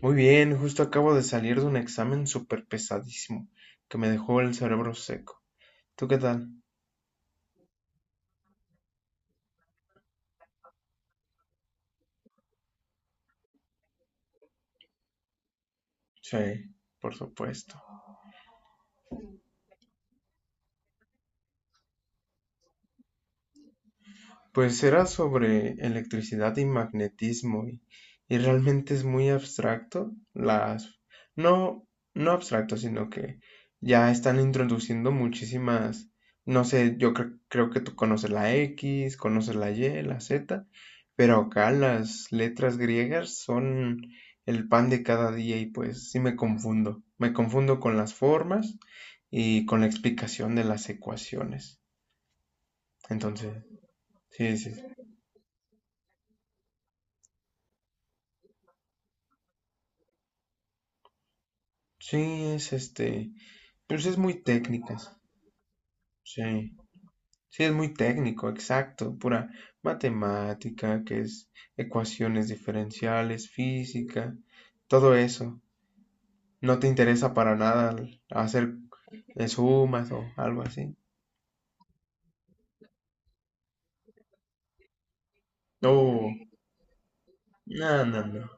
Muy bien, justo acabo de salir de un examen súper pesadísimo que me dejó el cerebro seco. ¿Tú qué tal? Sí, por supuesto. Pues era sobre electricidad y magnetismo y realmente es muy abstracto. Las, no, No abstracto, sino que ya están introduciendo muchísimas, no sé, yo creo que tú conoces la X, conoces la Y, la Z, pero acá las letras griegas son el pan de cada día y pues sí me confundo. Me confundo con las formas y con la explicación de las ecuaciones. Entonces, sí, sí, sí. Sí, es pues es muy técnicas, sí, sí es muy técnico, exacto, pura matemática, que es ecuaciones diferenciales, física, todo eso. No te interesa para nada hacer sumas o algo así. Oh, no, no, no.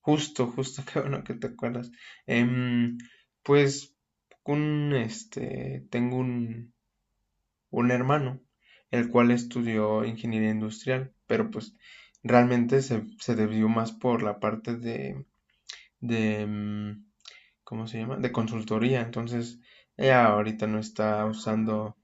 Justo, justo, qué bueno que te acuerdas. Em, pues tengo un hermano, el cual estudió ingeniería industrial, pero pues realmente se debió más por la parte de, ¿cómo se llama? De consultoría. Entonces, ella ahorita no está usando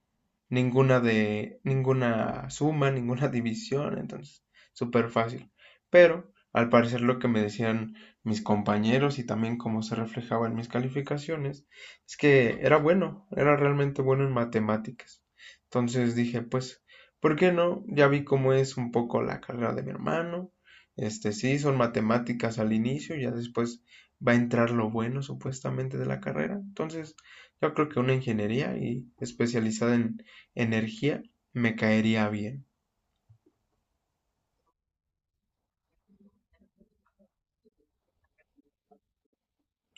ninguna suma, ninguna división, entonces, súper fácil. Pero, al parecer, lo que me decían mis compañeros y también cómo se reflejaba en mis calificaciones, es que era bueno, era realmente bueno en matemáticas. Entonces dije, pues, ¿por qué no? Ya vi cómo es un poco la carrera de mi hermano. Este, sí, son matemáticas al inicio, ya después va a entrar lo bueno supuestamente de la carrera. Entonces, yo creo que una ingeniería y especializada en energía me caería bien.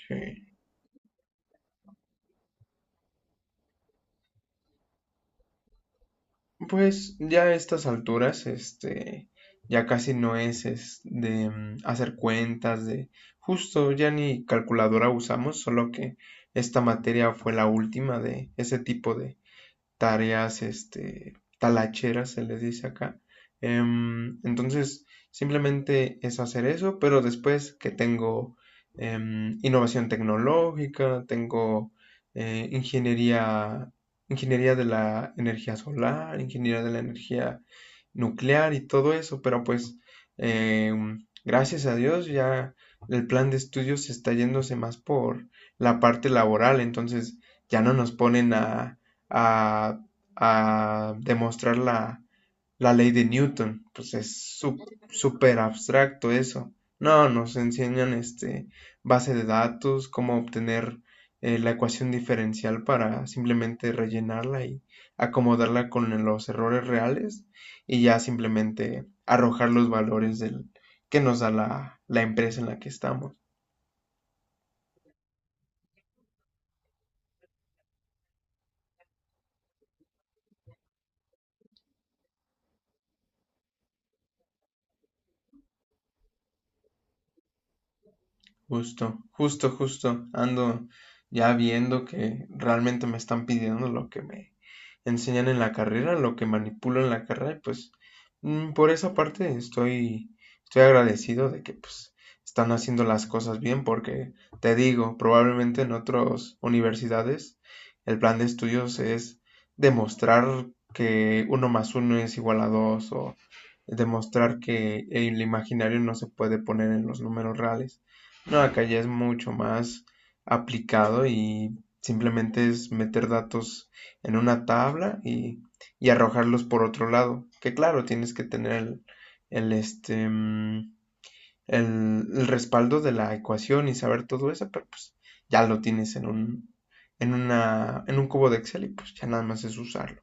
Sí. Pues ya a estas alturas, ya casi no es, es de hacer cuentas, de justo ya ni calculadora usamos, solo que esta materia fue la última de ese tipo de tareas, este, talacheras se les dice acá. Entonces, simplemente es hacer eso, pero después que tengo, innovación tecnológica, tengo, eh, ingeniería, ingeniería de la energía solar, ingeniería de la energía nuclear y todo eso, pero pues, gracias a Dios ya el plan de estudios está yéndose más por la parte laboral, entonces ya no nos ponen a, a demostrar la ley de Newton. Pues es súper abstracto eso. No, nos enseñan este base de datos, cómo obtener, la ecuación diferencial para simplemente rellenarla y acomodarla con los errores reales y ya simplemente arrojar los valores que nos da la empresa en la que estamos. Justo, justo, justo. Ando ya viendo que realmente me están pidiendo lo que me enseñan en la carrera, lo que manipulo en la carrera, y pues, por esa parte estoy agradecido de que pues están haciendo las cosas bien, porque te digo, probablemente en otras universidades el plan de estudios es demostrar que uno más uno es igual a dos o demostrar que el imaginario no se puede poner en los números reales. No, acá ya es mucho más aplicado y simplemente es meter datos en una tabla y arrojarlos por otro lado. Que claro, tienes que tener el, este, mm, el respaldo de la ecuación y saber todo eso, pero pues ya lo tienes en en un cubo de Excel y pues ya nada más es usarlo.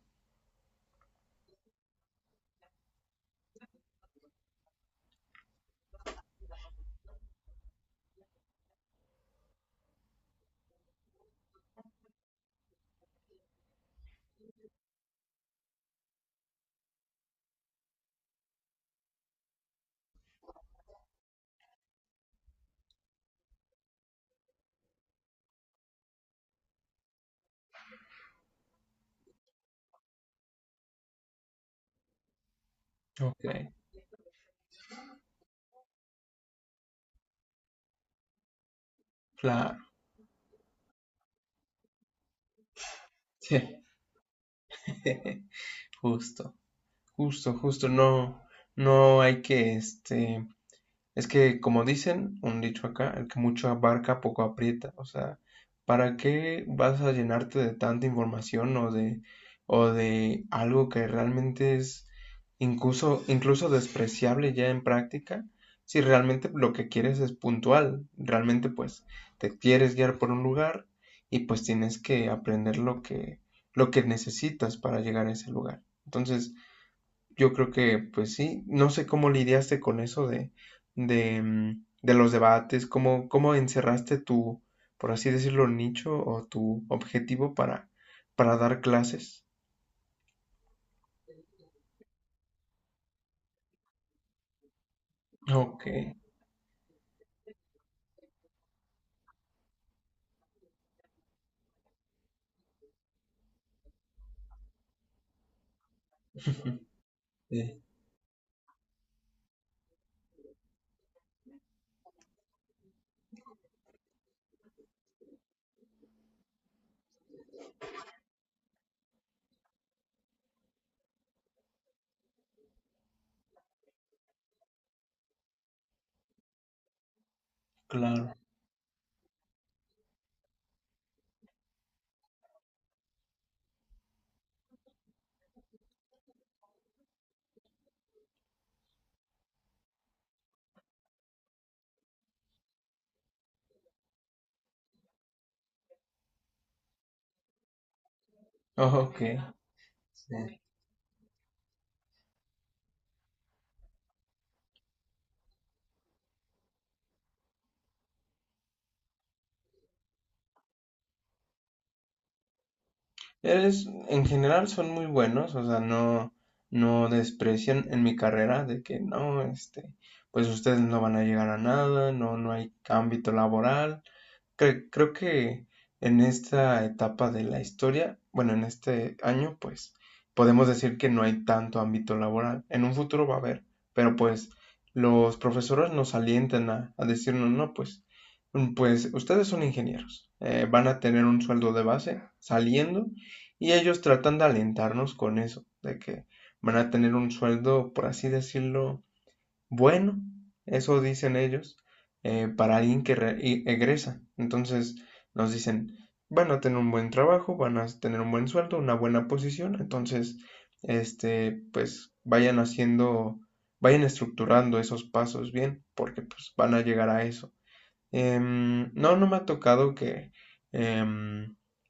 Ok. Claro, sí, justo, justo, justo, no, no hay que, este, Es que, como dicen, un dicho acá, el que mucho abarca, poco aprieta. O sea, ¿para qué vas a llenarte de tanta información o de algo que realmente es, incluso, incluso despreciable ya en práctica? Si realmente lo que quieres es puntual, realmente pues te quieres guiar por un lugar y pues tienes que aprender lo lo que necesitas para llegar a ese lugar. Entonces, yo creo que, pues sí, no sé cómo lidiaste con eso de los debates, cómo, cómo encerraste tu, por así decirlo, nicho o tu objetivo para dar clases. Ok, sí, claro. Ok, sí. Eres, en general son muy buenos, o sea, no, no desprecian en mi carrera de que no, este, pues ustedes no van a llegar a nada, no, no hay ámbito laboral. Creo que en esta etapa de la historia, bueno, en este año, pues podemos decir que no hay tanto ámbito laboral. En un futuro va a haber, pero pues los profesores nos alientan a decirnos, no, pues, pues ustedes son ingenieros, van a tener un sueldo de base saliendo y ellos tratan de alentarnos con eso, de que van a tener un sueldo, por así decirlo, bueno, eso dicen ellos, para alguien que egresa. Entonces nos dicen, van a tener un buen trabajo, van a tener un buen sueldo, una buena posición. Entonces, este, pues vayan haciendo, vayan estructurando esos pasos bien, porque pues van a llegar a eso. No, no me ha tocado em,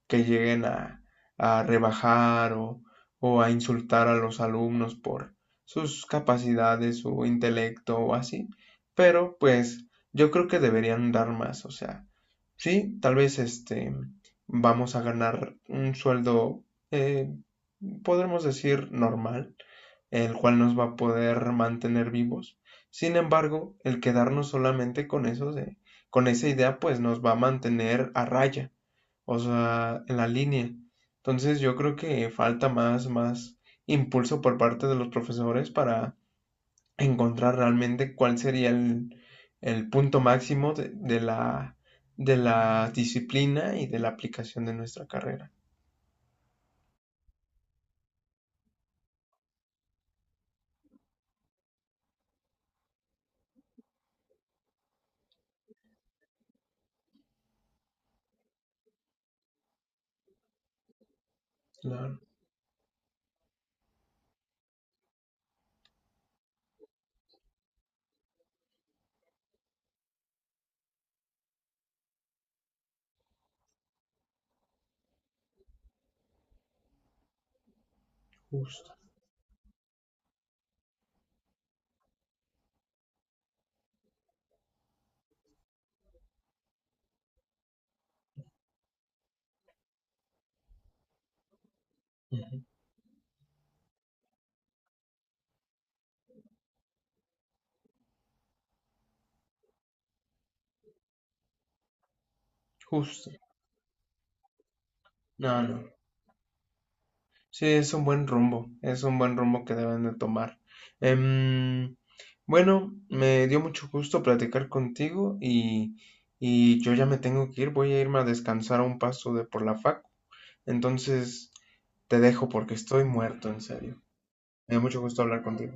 que lleguen a rebajar o a insultar a los alumnos por sus capacidades, su intelecto o así, pero pues yo creo que deberían dar más, o sea, sí, tal vez este, vamos a ganar un sueldo, eh, podremos decir, normal, el cual nos va a poder mantener vivos. Sin embargo, el quedarnos solamente con eso de, con esa idea, pues nos va a mantener a raya, o sea, en la línea. Entonces yo creo que falta más, más impulso por parte de los profesores para encontrar realmente cuál sería el punto máximo de de la disciplina y de la aplicación de nuestra carrera. Claro, justo, justo. No, no. Sí, es un buen rumbo, es un buen rumbo que deben de tomar. Em, bueno, me dio mucho gusto platicar contigo y yo ya me tengo que ir, voy a irme a descansar a un paso de por la fac. Entonces, te dejo porque estoy muerto, en serio. Me dio mucho gusto hablar contigo.